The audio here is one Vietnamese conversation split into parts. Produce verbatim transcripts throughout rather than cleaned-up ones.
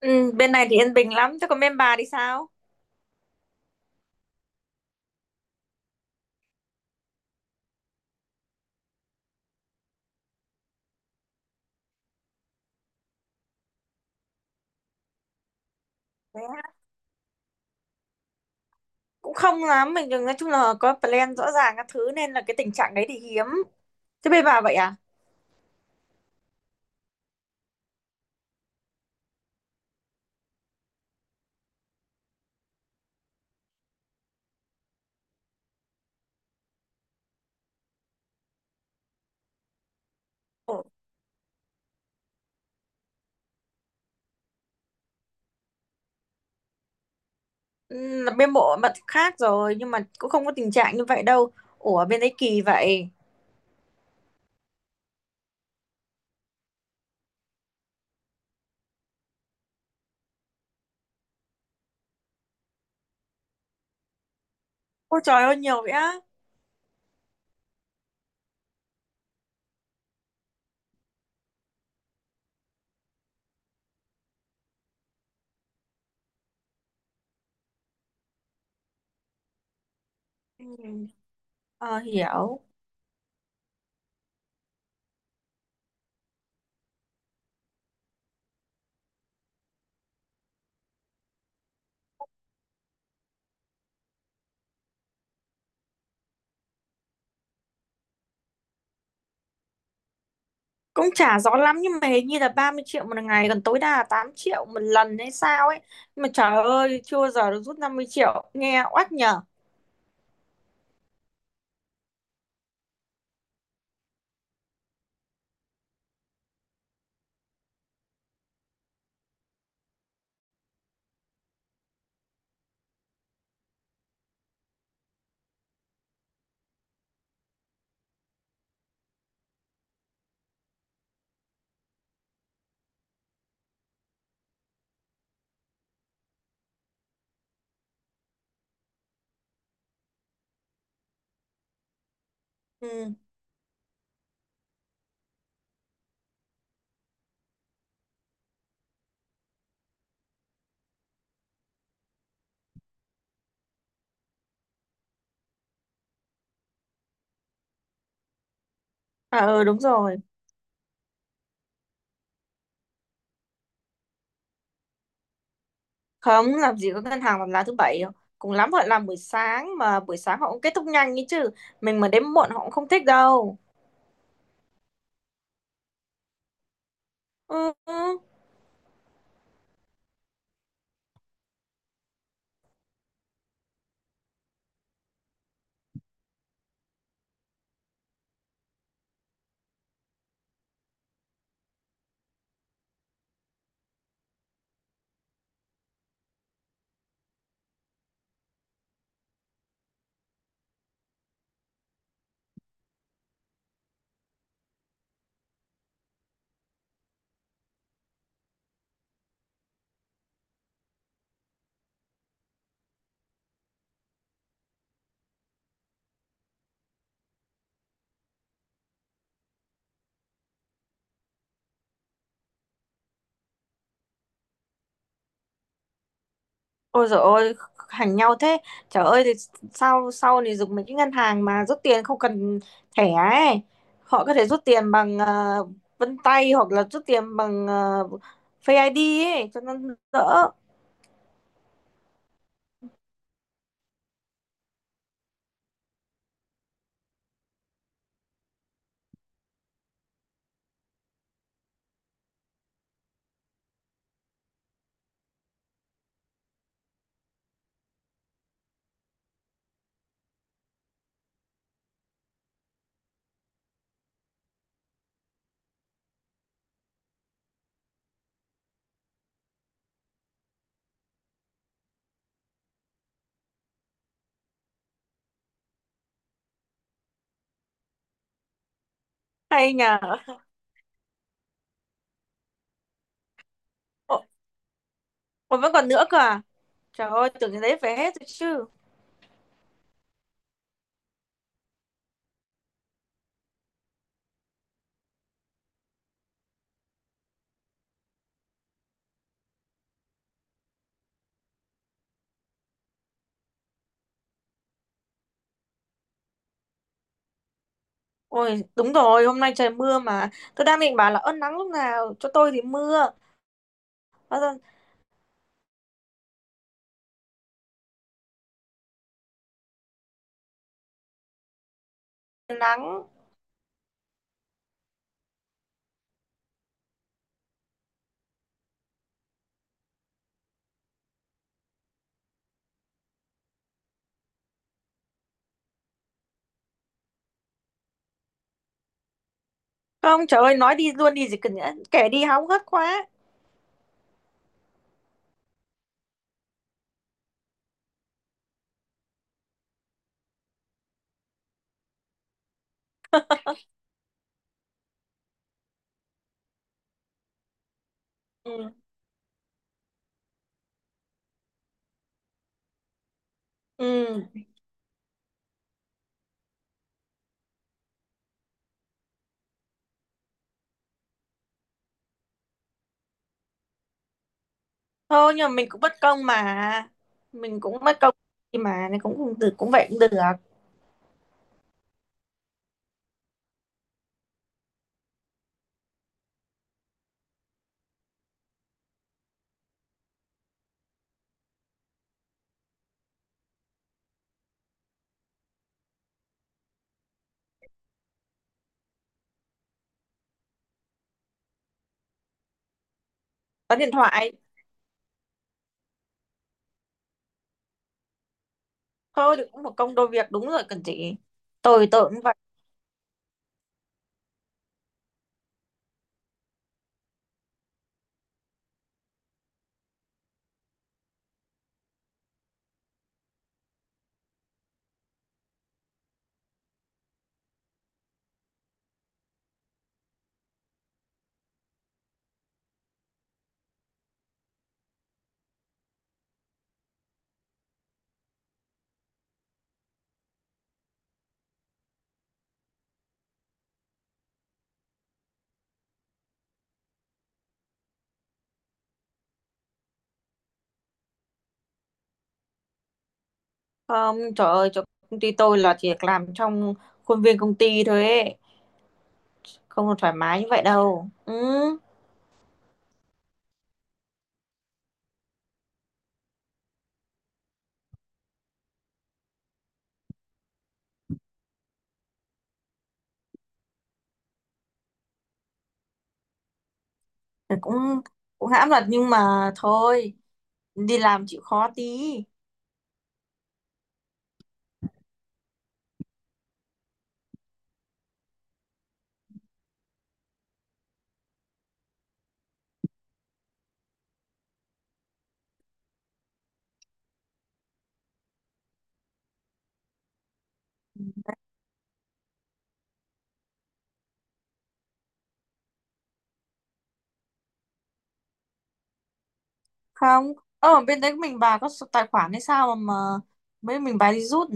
Ừ, bên này thì yên bình lắm, chứ còn bên bà thì sao? Thế á, cũng không lắm, mình đừng nói chung là có plan rõ ràng các thứ nên là cái tình trạng đấy thì hiếm. Thế bên bà vậy à? Ủa, ừ, là bên bộ mặt khác rồi nhưng mà cũng không có tình trạng như vậy đâu. Ủa bên đấy kỳ vậy. Ôi trời ơi nhiều vậy á. Ừ. Ờ, hiểu. Cũng chả rõ lắm nhưng mà hình như là ba mươi triệu một ngày còn tối đa là tám triệu một lần hay sao ấy. Nhưng mà trời ơi chưa bao giờ được rút năm mươi triệu nghe oách nhở. Ừ. À, ừ đúng rồi. Không, làm gì có ngân hàng làm lá thứ bảy đâu. Cùng lắm họ làm buổi sáng mà buổi sáng họ cũng kết thúc nhanh ấy chứ. Mình mà đến muộn họ cũng không thích đâu. Ừ. Ừ. Ôi dồi ôi, hành nhau thế. Trời ơi, thì sau sau này dùng mấy cái ngân hàng mà rút tiền không cần thẻ ấy. Họ có thể rút tiền bằng ờ, vân tay hoặc là rút tiền bằng ờ, Face i đê ấy, cho nó đỡ. Hay nhờ. Ồ, ôi, vẫn còn nữa cơ à? Trời ơi, tưởng cái đấy về hết rồi chứ. Ôi, đúng rồi, hôm nay trời mưa mà. Tôi đang định bảo là ơn nắng lúc nào, cho tôi thì mưa. Bao giờ nắng. Không, trời ơi, nói đi luôn đi gì cần nhẽ kể đi hóng hớt quá. Ừ. Ừ. Thôi nhưng mà mình cũng bất công mà. Mình cũng bất công đi mà, nên cũng cũng được cũng vậy cũng được. Tắt điện thoại. Thôi thì cũng một công đôi việc đúng rồi cần chị. Tôi tôi cũng vậy. Không, trời ơi, chỗ công ty tôi là chỉ làm trong khuôn viên công ty thôi ấy. Không thoải mái như vậy đâu. Ừ. Ừ, cũng cũng hãm thật nhưng mà thôi đi làm chịu khó tí không ở bên đấy mình bà có số tài khoản hay sao mà, mà mấy mình bà đi rút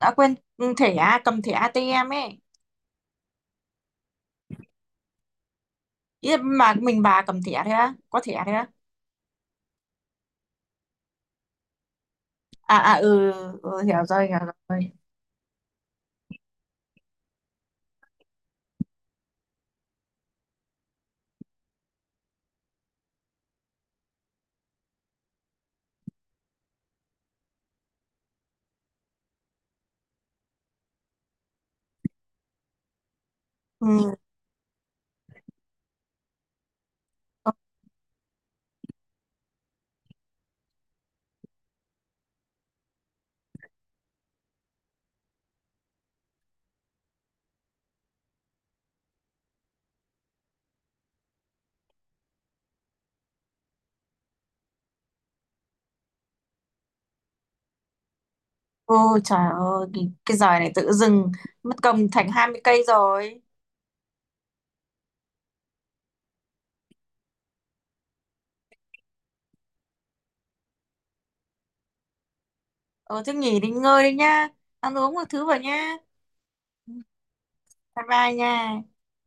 đã quên ừ, thẻ à, cầm thẻ a tê em ấy ý là mà mình bà cầm thẻ thế á có thẻ thế á à à ừ, ừ hiểu rồi hiểu rồi ừ. Ôi trời ơi cái, cái giời này tự dưng mất công thành hai mươi cây rồi ờ thế nghỉ đi ngơi đi nhá ăn uống một thứ vào nhá bye bye nha